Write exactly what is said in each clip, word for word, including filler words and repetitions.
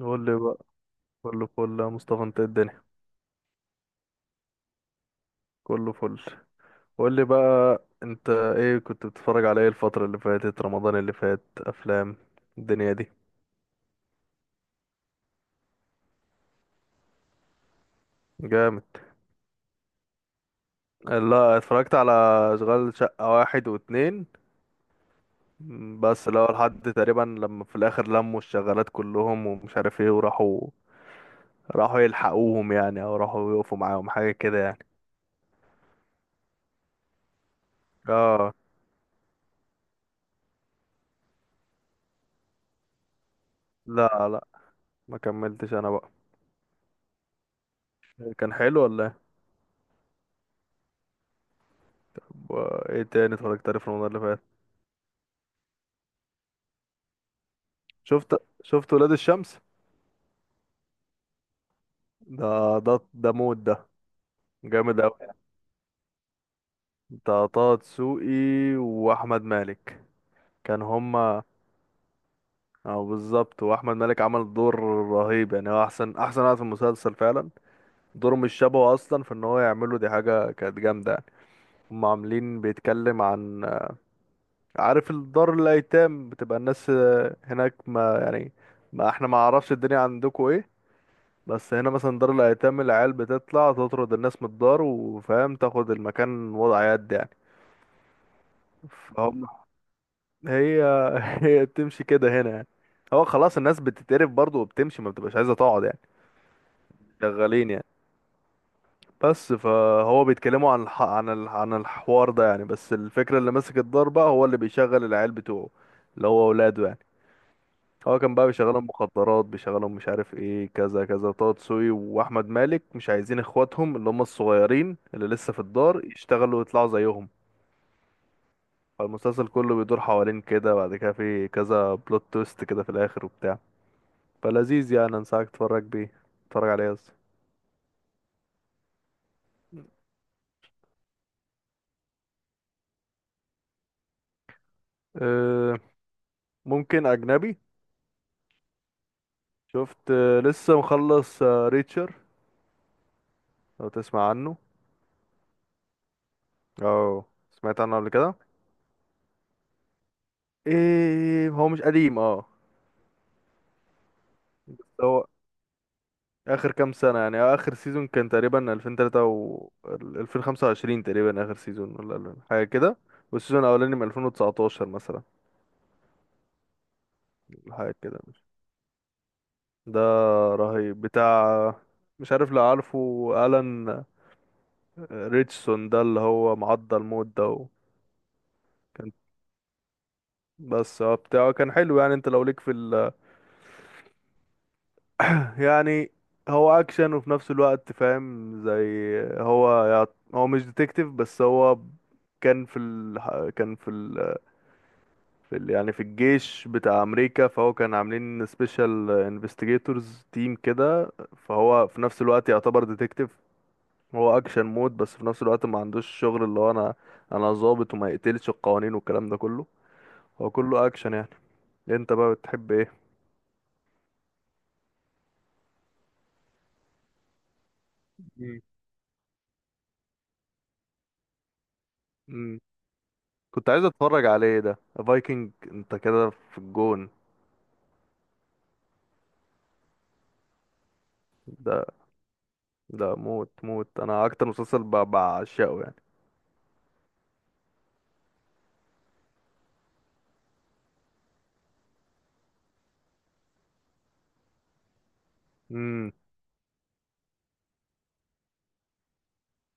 قول لي بقى. كله فل يا مصطفى، انت ايه الدنيا؟ كله فل. قول لي بقى، انت ايه كنت بتتفرج على ايه الفترة اللي فاتت؟ رمضان اللي فات افلام الدنيا دي؟ جامد. لا، اتفرجت على اشغال شقة واحد واتنين. م، بس لو لحد تقريبا لما في الاخر لموا الشغالات كلهم ومش عارف ايه وراحوا. راحوا يلحقوهم يعني او راحوا يقفوا معاهم حاجة كده يعني. اه. لا لا، ما كملتش انا بقى. كان حلو ولا ايه؟ طب، آه، ايه تاني اتفرجت عليه في رمضان اللي فات؟ شفت. شفت ولاد الشمس؟ ده ده ده موت ده. جامد قوي. ده طه دسوقي واحمد مالك. كان هما. اه بالظبط، واحمد مالك عمل دور رهيب يعني، هو احسن احسن واحد في المسلسل فعلا. دوره مش شبهه اصلا، في ان هو يعمله دي حاجه كانت جامده يعني. هم عاملين بيتكلم عن، عارف الدار الايتام بتبقى الناس هناك ما يعني، ما احنا ما عرفش الدنيا عندكم ايه. بس هنا مثلا دار الايتام، العيال بتطلع تطرد الناس من الدار وفاهم تاخد المكان وضع يد يعني. فهم. هي. هي بتمشي كده هنا يعني. هو خلاص الناس بتتقرف برضه وبتمشي، ما بتبقاش عايزه تقعد يعني. شغالين يعني. بس فهو بيتكلموا عن الح... عن ال... عن الحوار ده يعني. بس الفكره، اللي ماسك الدار بقى هو اللي بيشغل العيال بتوعه، اللي هو اولاده يعني. هو كان بقى بيشغلهم مخدرات، بيشغلهم مش عارف ايه، كذا كذا. طه دسوقي واحمد مالك مش عايزين اخواتهم اللي هم الصغيرين اللي لسه في الدار يشتغلوا ويطلعوا زيهم. فالمسلسل كله بيدور حوالين كده، بعد كده في كذا بلوت تويست كده في الاخر وبتاع. فلذيذ يعني، انصحك تتفرج بيه. تتفرج عليه قصدي. أه. ممكن اجنبي. شفت آه، لسه مخلص آه، ريتشر؟ لو تسمع عنه. اه، سمعت عنه قبل كده. ايه هو مش قديم؟ اه بس هو اخر كام سنه يعني، آه، اخر سيزون كان تقريبا ألفين وثلاثة و ألفين وخمسة وعشرين تقريبا اخر سيزون ولا حاجه كده، والسيزون الاولاني من ألفين وتسعتاشر مثلا. حاجه كده مش، ده رهيب بتاع. مش عارف لو عارفه، الان، ريتشسون ده اللي هو معضل موت ده. وكان، بس هو بتاعه كان حلو يعني. انت لو ليك في ال... يعني هو اكشن وفي نفس الوقت فاهم زي، هو يعت- هو مش ديتكتيف بس هو كان في ال... كان في في ال- يعني في الجيش بتاع امريكا. فهو كان عاملين سبيشال انفستيجيتورز تيم كده، فهو في نفس الوقت يعتبر ديتكتيف. هو اكشن مود، بس في نفس الوقت ما عندوش شغل اللي هو، انا انا ضابط وما يقتلش القوانين والكلام ده كله. هو كله اكشن يعني. انت بقى بتحب ايه؟ مم. مم. كنت عايز اتفرج عليه ده، فايكنج. انت كده في الجون. ده، ده موت موت، انا اكتر مسلسل ب- بعشقه يعني. امم.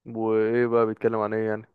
وايه بقى بيتكلم عن ايه يعني؟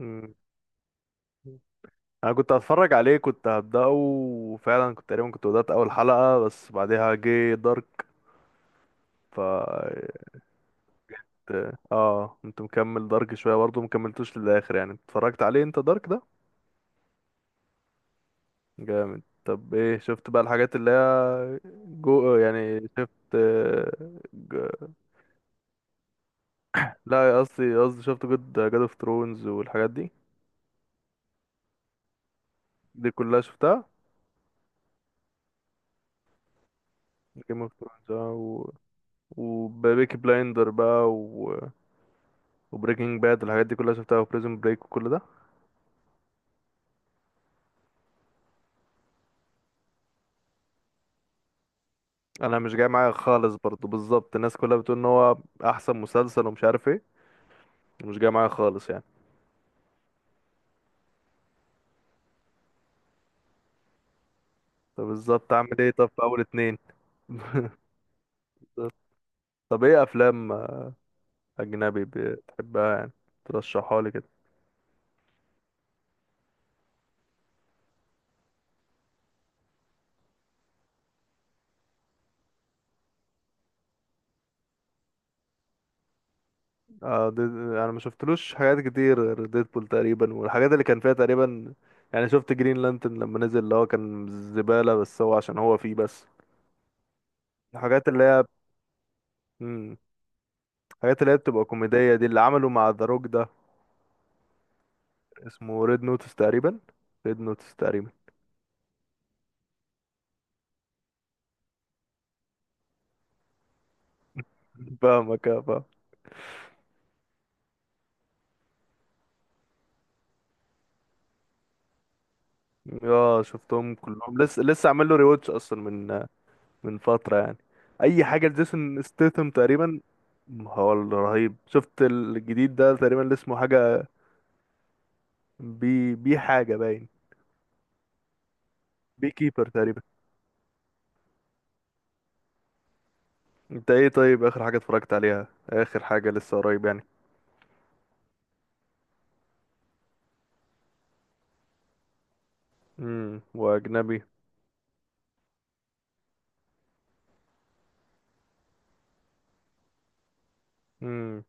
امم. انا كنت هتفرج عليه، كنت هبدأه وفعلا كنت تقريبا، كنت بدأت اول حلقة بس بعدها جه دارك. ف اه كنت مكمل دارك شوية برضه، مكملتوش للآخر يعني. اتفرجت عليه انت دارك ده؟ جامد. طب ايه شفت بقى الحاجات اللي هي جو يعني؟ شفت ج... لا قصدي قصدي، شفت جود جاد اوف ثرونز والحاجات دي؟ دي كلها شفتها. جيم اوف ثرونز و... وبيكي بلايندر بقى و... وبريكنج باد، الحاجات دي كلها شفتها، وبريزون بريك وكل ده. انا مش جاي معايا خالص برضو. بالظبط الناس كلها بتقول ان هو احسن مسلسل ومش عارف ايه، مش جاي معايا خالص يعني. طب بالظبط اعمل ايه؟ طب في اول اتنين. طب ايه افلام اجنبي بتحبها يعني؟ ترشحها لي كده. آه دي... انا ما شفتلوش حاجات كتير غير ديدبول تقريبا والحاجات اللي كان فيها تقريبا يعني. شفت جرين لانترن لما نزل، اللي هو كان زبالة بس هو عشان هو فيه بس. الحاجات اللي هي، مم. الحاجات اللي هي بتبقى كوميدية دي اللي عملوا مع ذا روك ده، اسمه ريد نوتس تقريبا. ريد نوتس تقريبا. فاهمك، اه فاهم. اه شفتهم كلهم، لسه لسه عامل له ريواتش اصلا من من فتره يعني، اي حاجه لجيسون ستيثم تقريبا. هو الرهيب، شفت الجديد ده تقريبا اللي اسمه حاجه، بي بي حاجه باين، بي كيبر تقريبا. انت ايه طيب، اخر حاجه اتفرجت عليها؟ اخر حاجه لسه قريب يعني. امم. واجنبي. امم.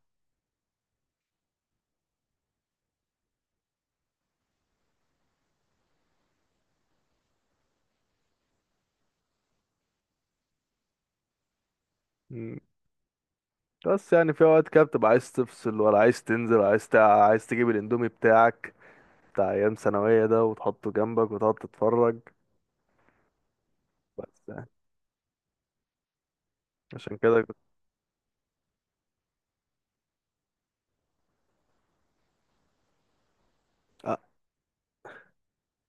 أمم. بس يعني في اوقات كده بتبقى عايز تفصل، ولا عايز تنزل، ولا عايز تع... عايز تجيب الاندومي بتاعك بتاع ايام ثانويه ده، وتحطه جنبك وتقعد تتفرج. بس عشان كده كنت. آه.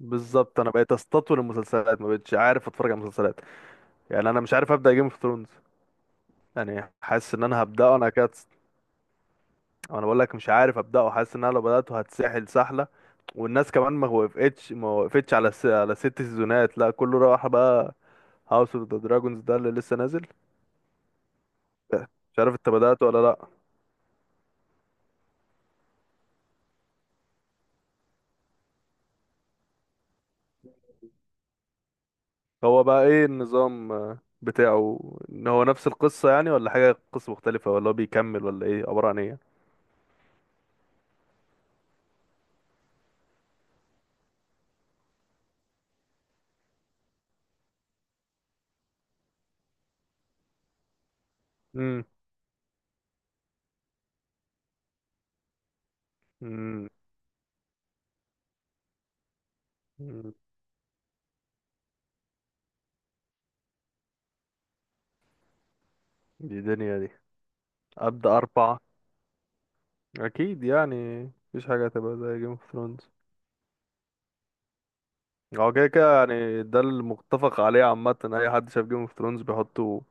بالظبط، انا بقيت استطول المسلسلات، ما بقتش عارف اتفرج على مسلسلات يعني. انا مش عارف ابدا جيم اوف ثرونز يعني، حاسس ان انا هبداه انا كده. انا بقول لك مش عارف ابداه، حاسس ان انا لو بداته هتسحل سحله. والناس كمان ما وقفتش ما وقفتش على س... على ست سيزونات، لا كله راح بقى. هاوس اوف ذا دراجونز ده اللي لسه نازل، مش عارف انت بدأته ولا لا؟ هو بقى ايه النظام آه، بتاعه؟ ان هو نفس القصة يعني ولا حاجة قصة مختلفة؟ ولا هو بيكمل ولا ايه عبارة عن ايه؟ امم. مم. دي دنيا دي. أبدأ أربعة. أكيد يعني، مفيش حاجة هتبقى زي جيم اوف ثرونز. هو كده كده يعني، ده المتفق عليه عامة، أي حد شاف جيم اوف ثرونز بيحطه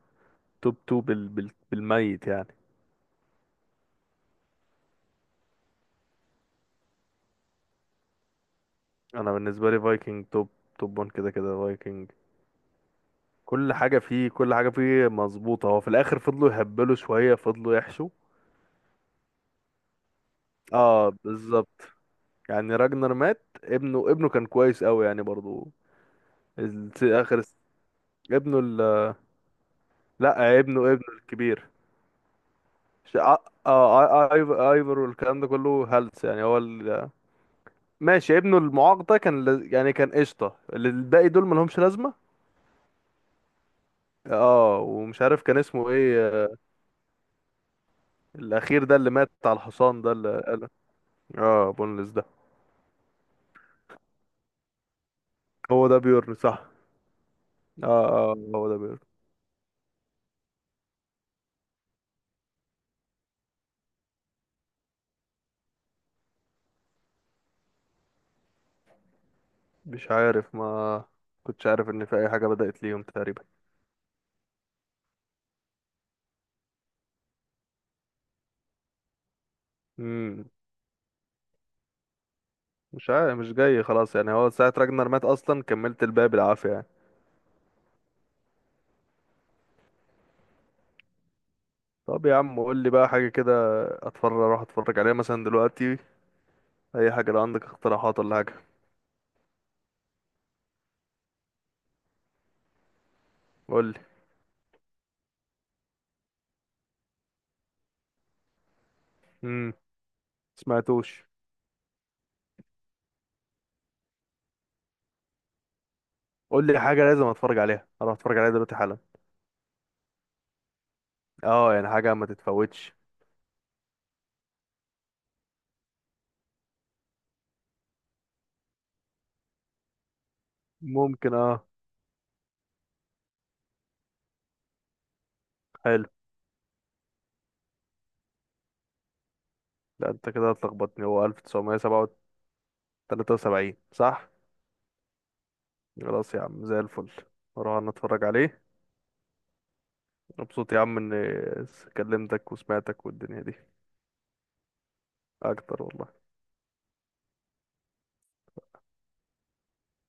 توب تو بال... بال... بالميت يعني. أنا بالنسبة لي فايكنج توب توب وان كده كده فايكنج. كل حاجة فيه كل حاجة فيه مظبوطة. هو في الآخر فضلوا يهبلوا شوية، فضلوا يحشوا. اه بالظبط. يعني راجنر مات، ابنه ابنه كان كويس قوي يعني برضو. الس- آخر الس- ابنه ال... لا، ابنه ابنه الكبير. ش- اه آه، آي- آي- ايفر والكلام ده كله هلس يعني. هو ال... ماشي، ابنه المعاق ده كان لز... يعني كان قشطه، ال- الباقي دول ملهمش لازمه. اه ومش عارف كان اسمه ايه، آه، الاخير ده اللي مات على الحصان ده اللي قال. اه بونلس ده. هو ده بيورن صح. اه اه هو ده بيورن. مش عارف، ما كنتش عارف ان في اي حاجه بدات ليهم تقريبا. امم. مش عارف، مش جاي خلاص يعني. هو ساعه راجنر مات اصلا كملت الباقي بالعافيه يعني. طب يا عم، قول لي بقى حاجه كده، اتفرج، اروح اتفرج عليها مثلا دلوقتي، اي حاجه لو عندك اقتراحات ولا حاجه. قول لي. امم. سمعتوش. قول لي حاجه لازم اتفرج عليها، اروح اتفرج عليها دلوقتي حالا. اه يعني حاجه ما تتفوتش. ممكن اه. حلو. لا انت كده هتلخبطني، هو ألف وتسعمائة وثلاثة وسبعين صح. خلاص يا عم زي الفل، اروح انا اتفرج عليه. مبسوط يا عم اني كلمتك وسمعتك والدنيا دي. اكتر والله.